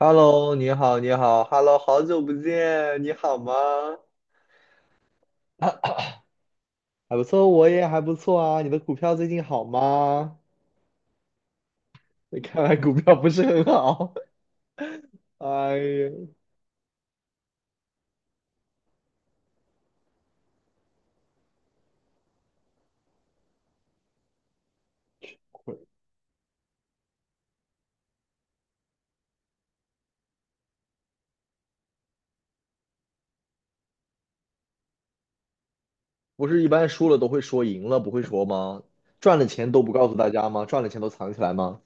h e l l o 你好，你好，Hello，好久不见，你好吗？还不错，我也还不错啊。你的股票最近好吗？你看来股票不是很好。哎呀，不是一般输了都会说赢了不会说吗？赚了钱都不告诉大家吗？赚了钱都藏起来吗？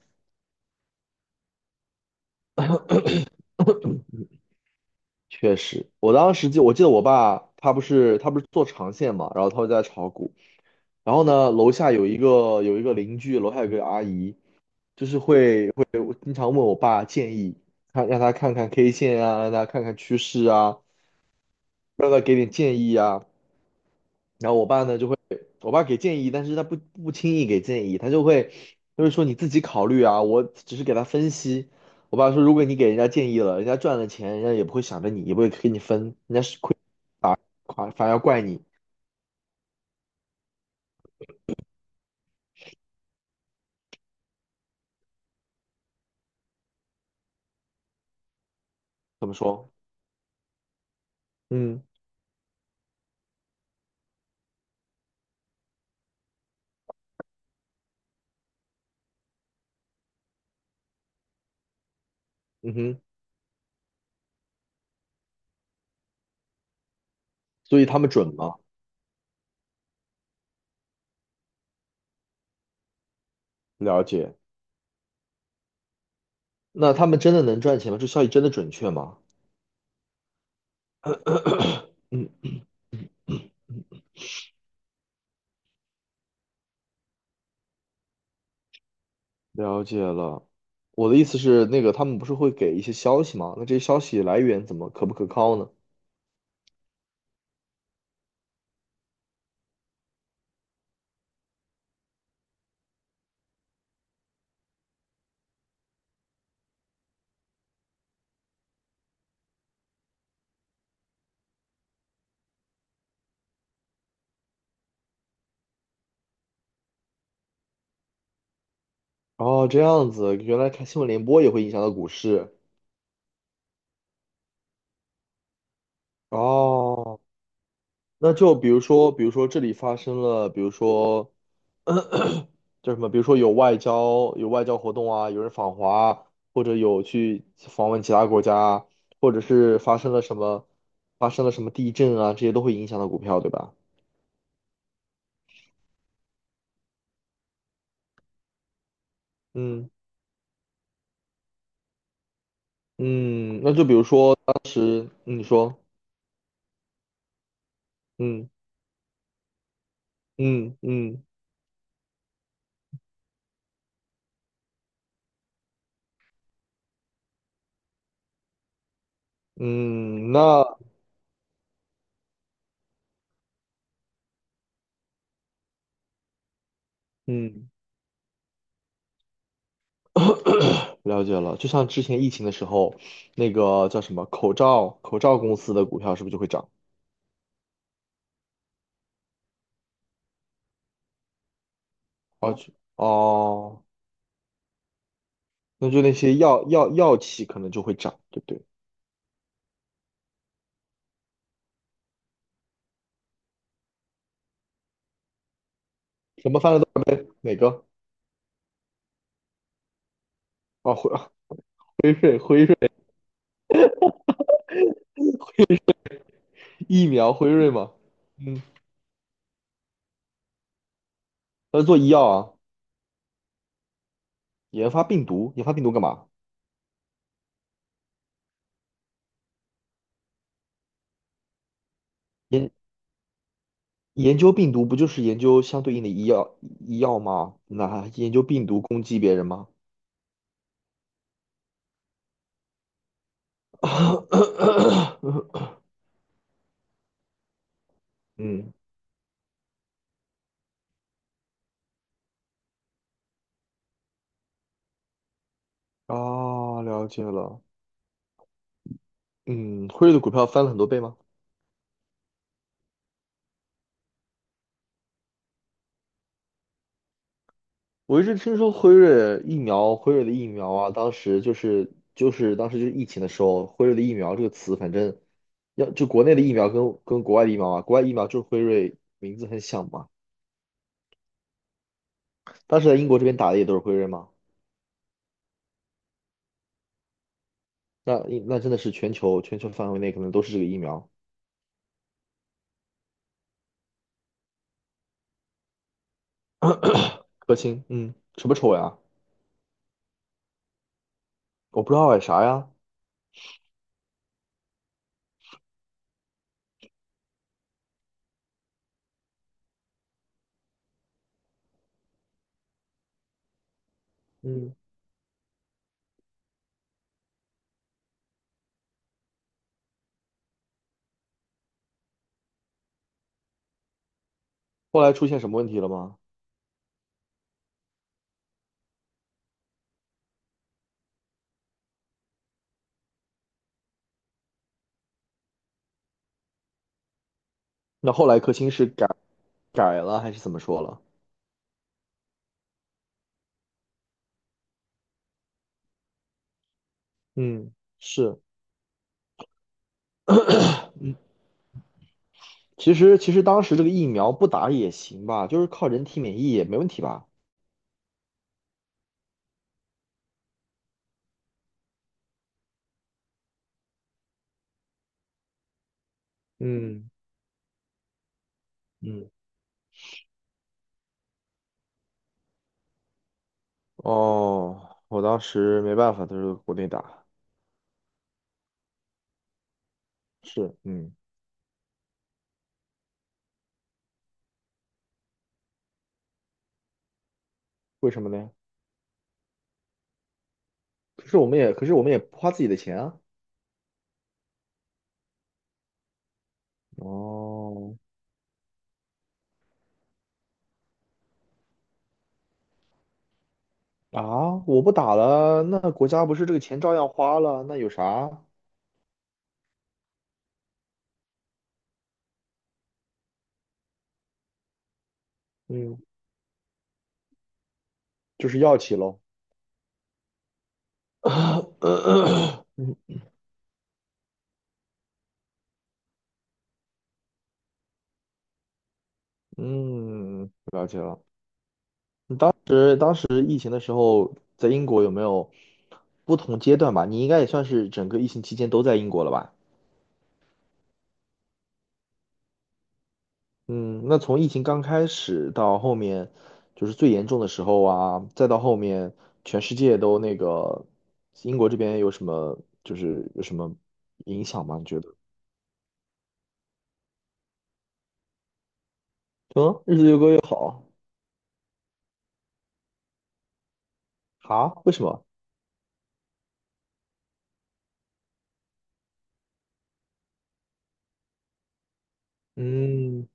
确实，我当时就我记得我爸他不是做长线嘛，然后他会在炒股，然后呢，楼下有一个邻居，楼下有个阿姨。就是会经常问我爸建议，看让他看看 K 线啊，让他看看趋势啊，让他给点建议啊。然后我爸呢就会，我爸给建议，但是他不轻易给建议，他就会说你自己考虑啊，我只是给他分析。我爸说，如果你给人家建议了，人家赚了钱，人家也不会想着你，也不会给你分，人家是亏，反而要怪你。怎么说？嗯，嗯哼，所以他们准吗？了解。那他们真的能赚钱吗？这消息真的准确吗？了解了。我的意思是，那个他们不是会给一些消息吗？那这些消息来源怎么可不可靠呢？哦，这样子，原来看新闻联播也会影响到股市。哦，那就比如说，比如说这里发生了，比如说叫什么，比如说有外交活动啊，有人访华啊，或者有去访问其他国家啊，或者是发生了什么，地震啊，这些都会影响到股票，对吧？嗯，嗯，那就比如说当时，嗯，你说。嗯。嗯，嗯，嗯，那嗯，了解了。就像之前疫情的时候，那个叫什么口罩公司的股票是不是就会涨？哦，那就那些药企可能就会涨，对不对？什么翻了都，哪个？哦，辉瑞，疫苗辉瑞吗？嗯，他是做医药啊，研发病毒，研发病毒干嘛？研，研究病毒不就是研究相对应的医药吗？那还研究病毒攻击别人吗？嗯。哦，了解了。嗯，辉瑞的股票翻了很多倍吗？我一直听说辉瑞疫苗，辉瑞的疫苗啊，当时就是疫情的时候，辉瑞的疫苗这个词，反正要就国内的疫苗跟国外的疫苗啊，国外疫苗就是辉瑞名字很像嘛。当时在英国这边打的也都是辉瑞嘛，那，那真的是全球范围内可能都是这个疫苗。科兴，嗯，什么丑呀？我不知道哎，啥呀？嗯，后来出现什么问题了吗？那后来科兴是改，改了还是怎么说了？嗯，是，其实当时这个疫苗不打也行吧，就是靠人体免疫也没问题吧？嗯，嗯，哦，我当时没办法，都是国内打，是，嗯，为什么呢？可是我们也，可是我们也不花自己的钱啊。哦，啊，我不打了，那国家不是这个钱照样花了，那有啥？嗯，就是药企喽。嗯，了解了。是当时疫情的时候，在英国有没有不同阶段吧？你应该也算是整个疫情期间都在英国了吧？嗯，那从疫情刚开始到后面，就是最严重的时候啊，再到后面全世界都那个，英国这边有什么，就是有什么影响吗？你觉得？嗯，日子越过越好。啊？为什么？嗯，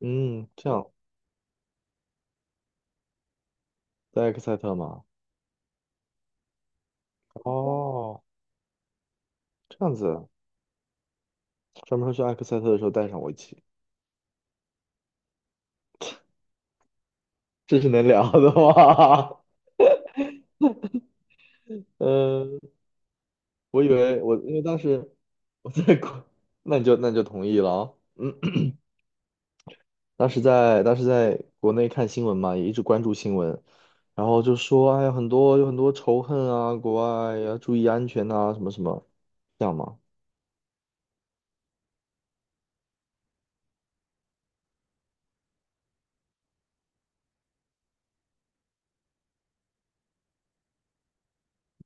嗯，这样，在埃克塞特吗？哦，这样子啊，专门说去埃克塞特的时候带上我一起。这是能聊的吗？嗯，我以为我因为当时我在国，那你就，那你就同意了啊。嗯，当时在国内看新闻嘛，也一直关注新闻，然后就说哎呀有很多仇恨啊，国外要注意安全呐、什么什么，这样嘛。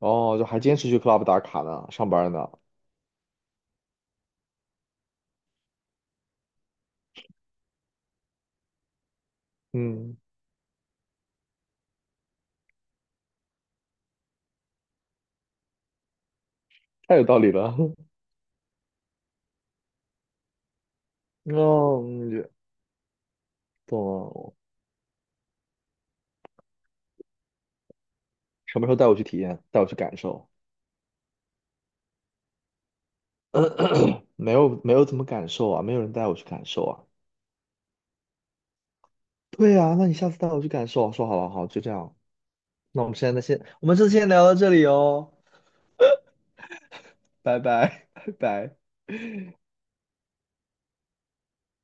哦，就还坚持去 club 打卡呢，上班呢。嗯，太有道理了。哦，嗯也懂了。什么时候带我去体验，带我去感受？没有怎么感受啊，没有人带我去感受啊。对啊，那你下次带我去感受，说好了，好，就这样。那我们现在先，我们就先聊到这里哦，拜拜，拜拜。